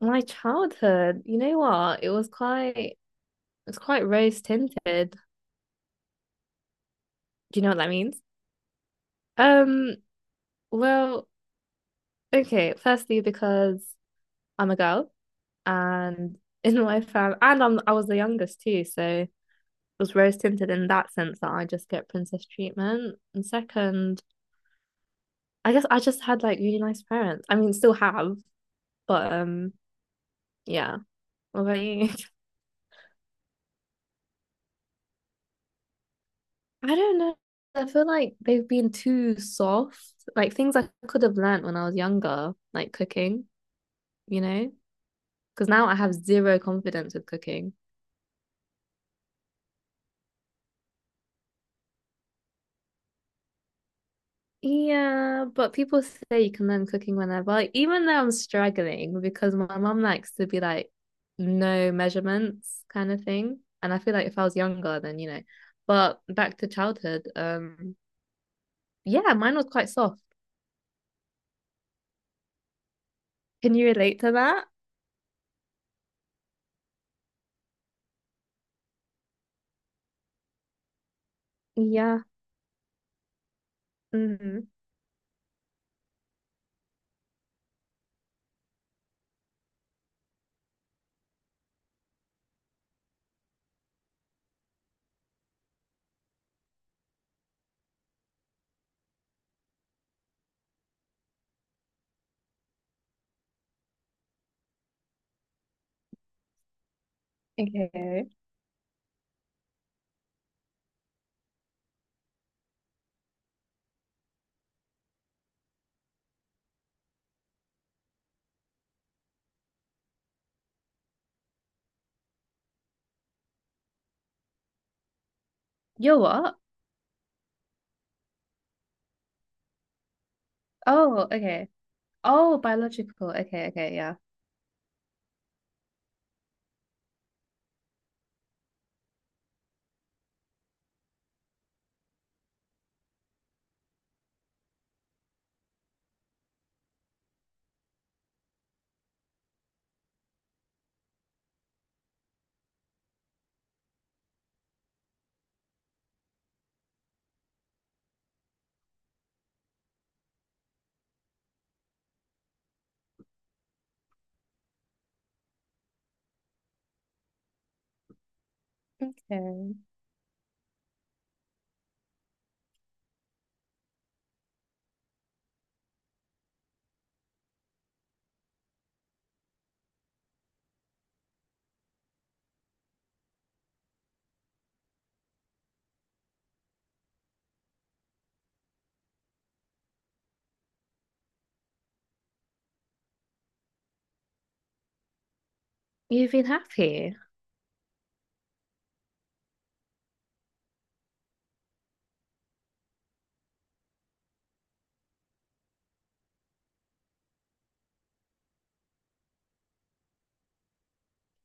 My childhood, you know what? It's quite rose tinted. Do you know what that means? Um, well, okay, firstly because I'm a girl and in my family and I was the youngest too, so it was rose tinted in that sense that I just get princess treatment. And second, I guess I just had like really nice parents. I mean, still have, but yeah. What about you? I don't know. I feel like they've been too soft. Like things I could have learnt when I was younger, like cooking, you know? Because now I have zero confidence with cooking. Yeah, but people say you can learn cooking whenever. Like, even though I'm struggling because my mum likes to be like no measurements kind of thing. And I feel like if I was younger then. But back to childhood, yeah, mine was quite soft. Can you relate to that? Yeah. Hmm. Okay. You're what? Oh, okay. Oh, biological. Okay, okay, yeah. Okay. You've been happy.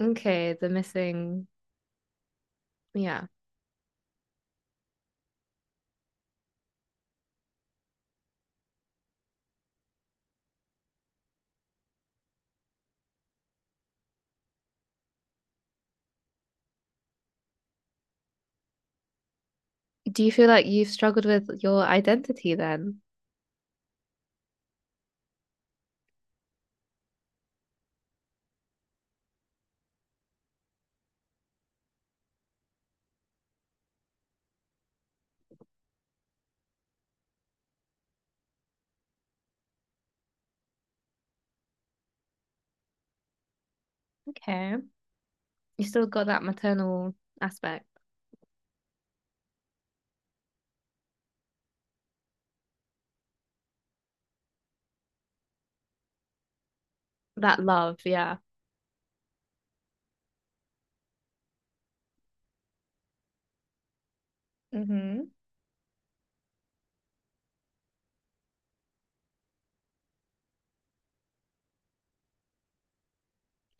Okay, the missing. Yeah. Do you feel like you've struggled with your identity then? Okay. You still got that maternal aspect, that love, yeah. Hmm.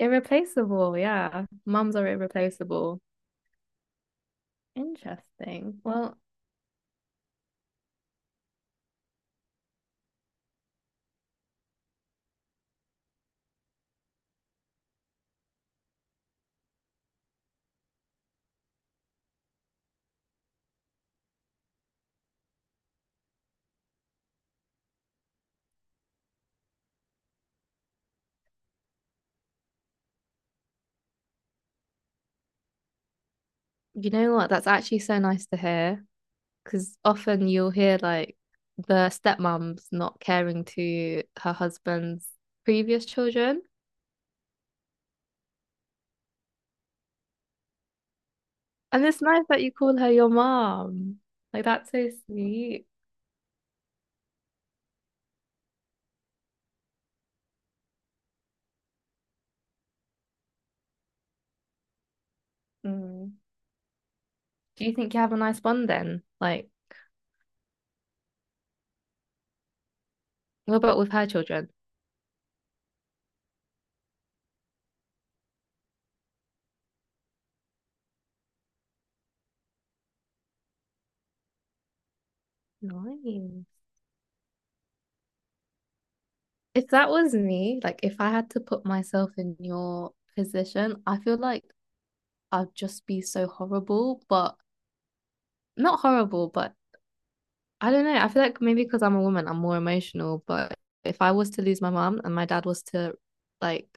Irreplaceable, yeah. Mums are irreplaceable. Interesting. Well, you know what? That's actually so nice to hear. Because often you'll hear like the stepmom's not caring to her husband's previous children. And it's nice that you call her your mom. Like that's so sweet. Mm. Do you think you have a nice bond then? Like, what about with her children? Nice. If that was me, like if I had to put myself in your position, I feel like I'd just be so horrible, but not horrible, but I don't know. I feel like maybe because I'm a woman, I'm more emotional. But if I was to lose my mom and my dad was to like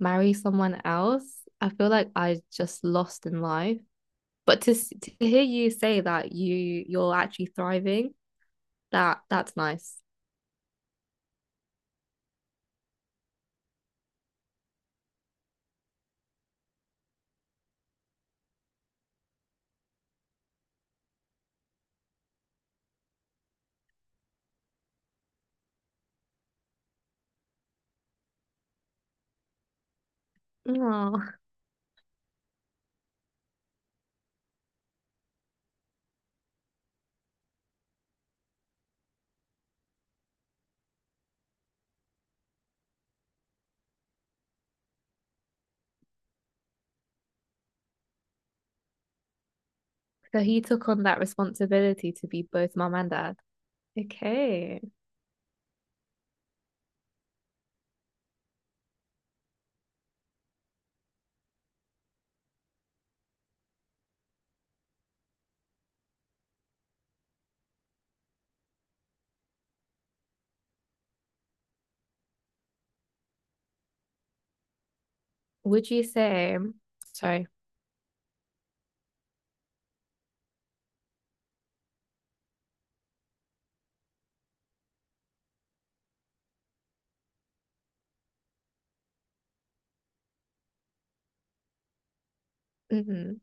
marry someone else, I feel like I just lost in life. But to hear you say that you're actually thriving, that's nice. Oh, so he took on that responsibility to be both mom and dad. Okay. Would you say, sorry. Hmm.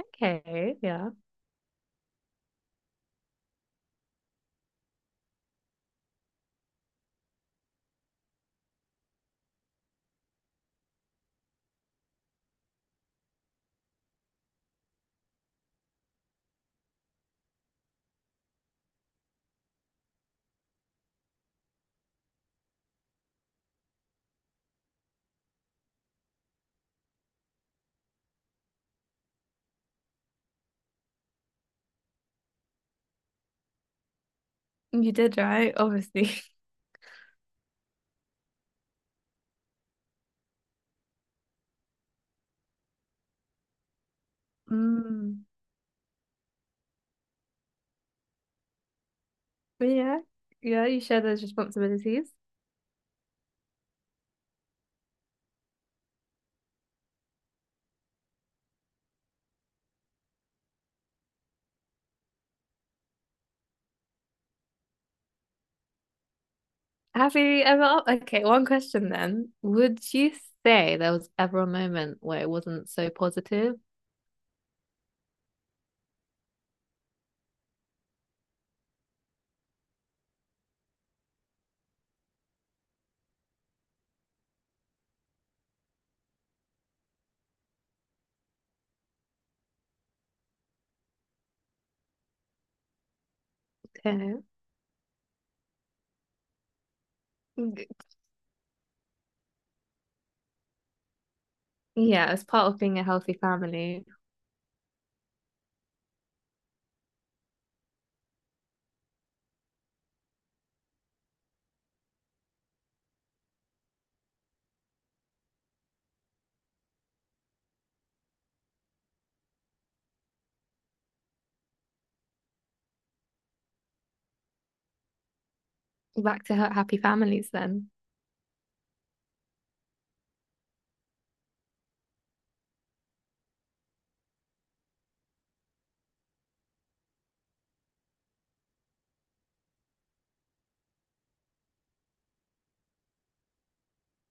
Okay. Yeah. You did right, obviously. Mm. But yeah, yeah, you share those responsibilities. Have you ever, okay, one question then. Would you say there was ever a moment where it wasn't so positive? Okay. G- Yeah, as part of being a healthy family. Back to happy families then.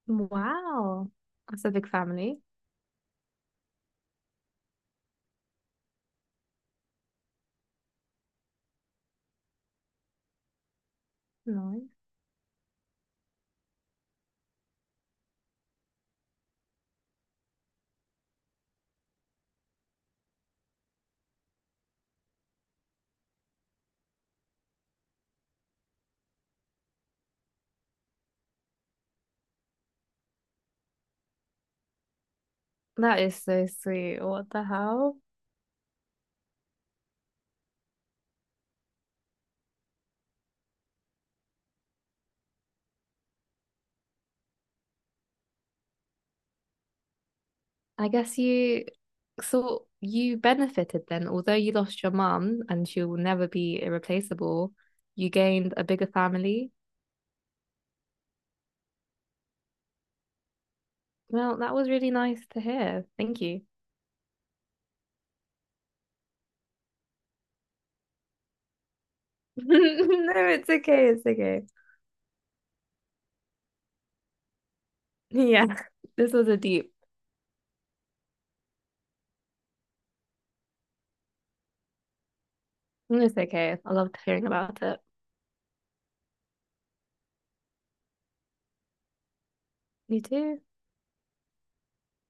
Wow. That's a big family. Nice. That is so sweet. What the hell? I guess you, so you benefited then, although you lost your mum and she will never be irreplaceable, you gained a bigger family. Well, that was really nice to hear. Thank you. No, it's okay. It's okay. Yeah, this was a deep. It's okay. I loved hearing about it. You too.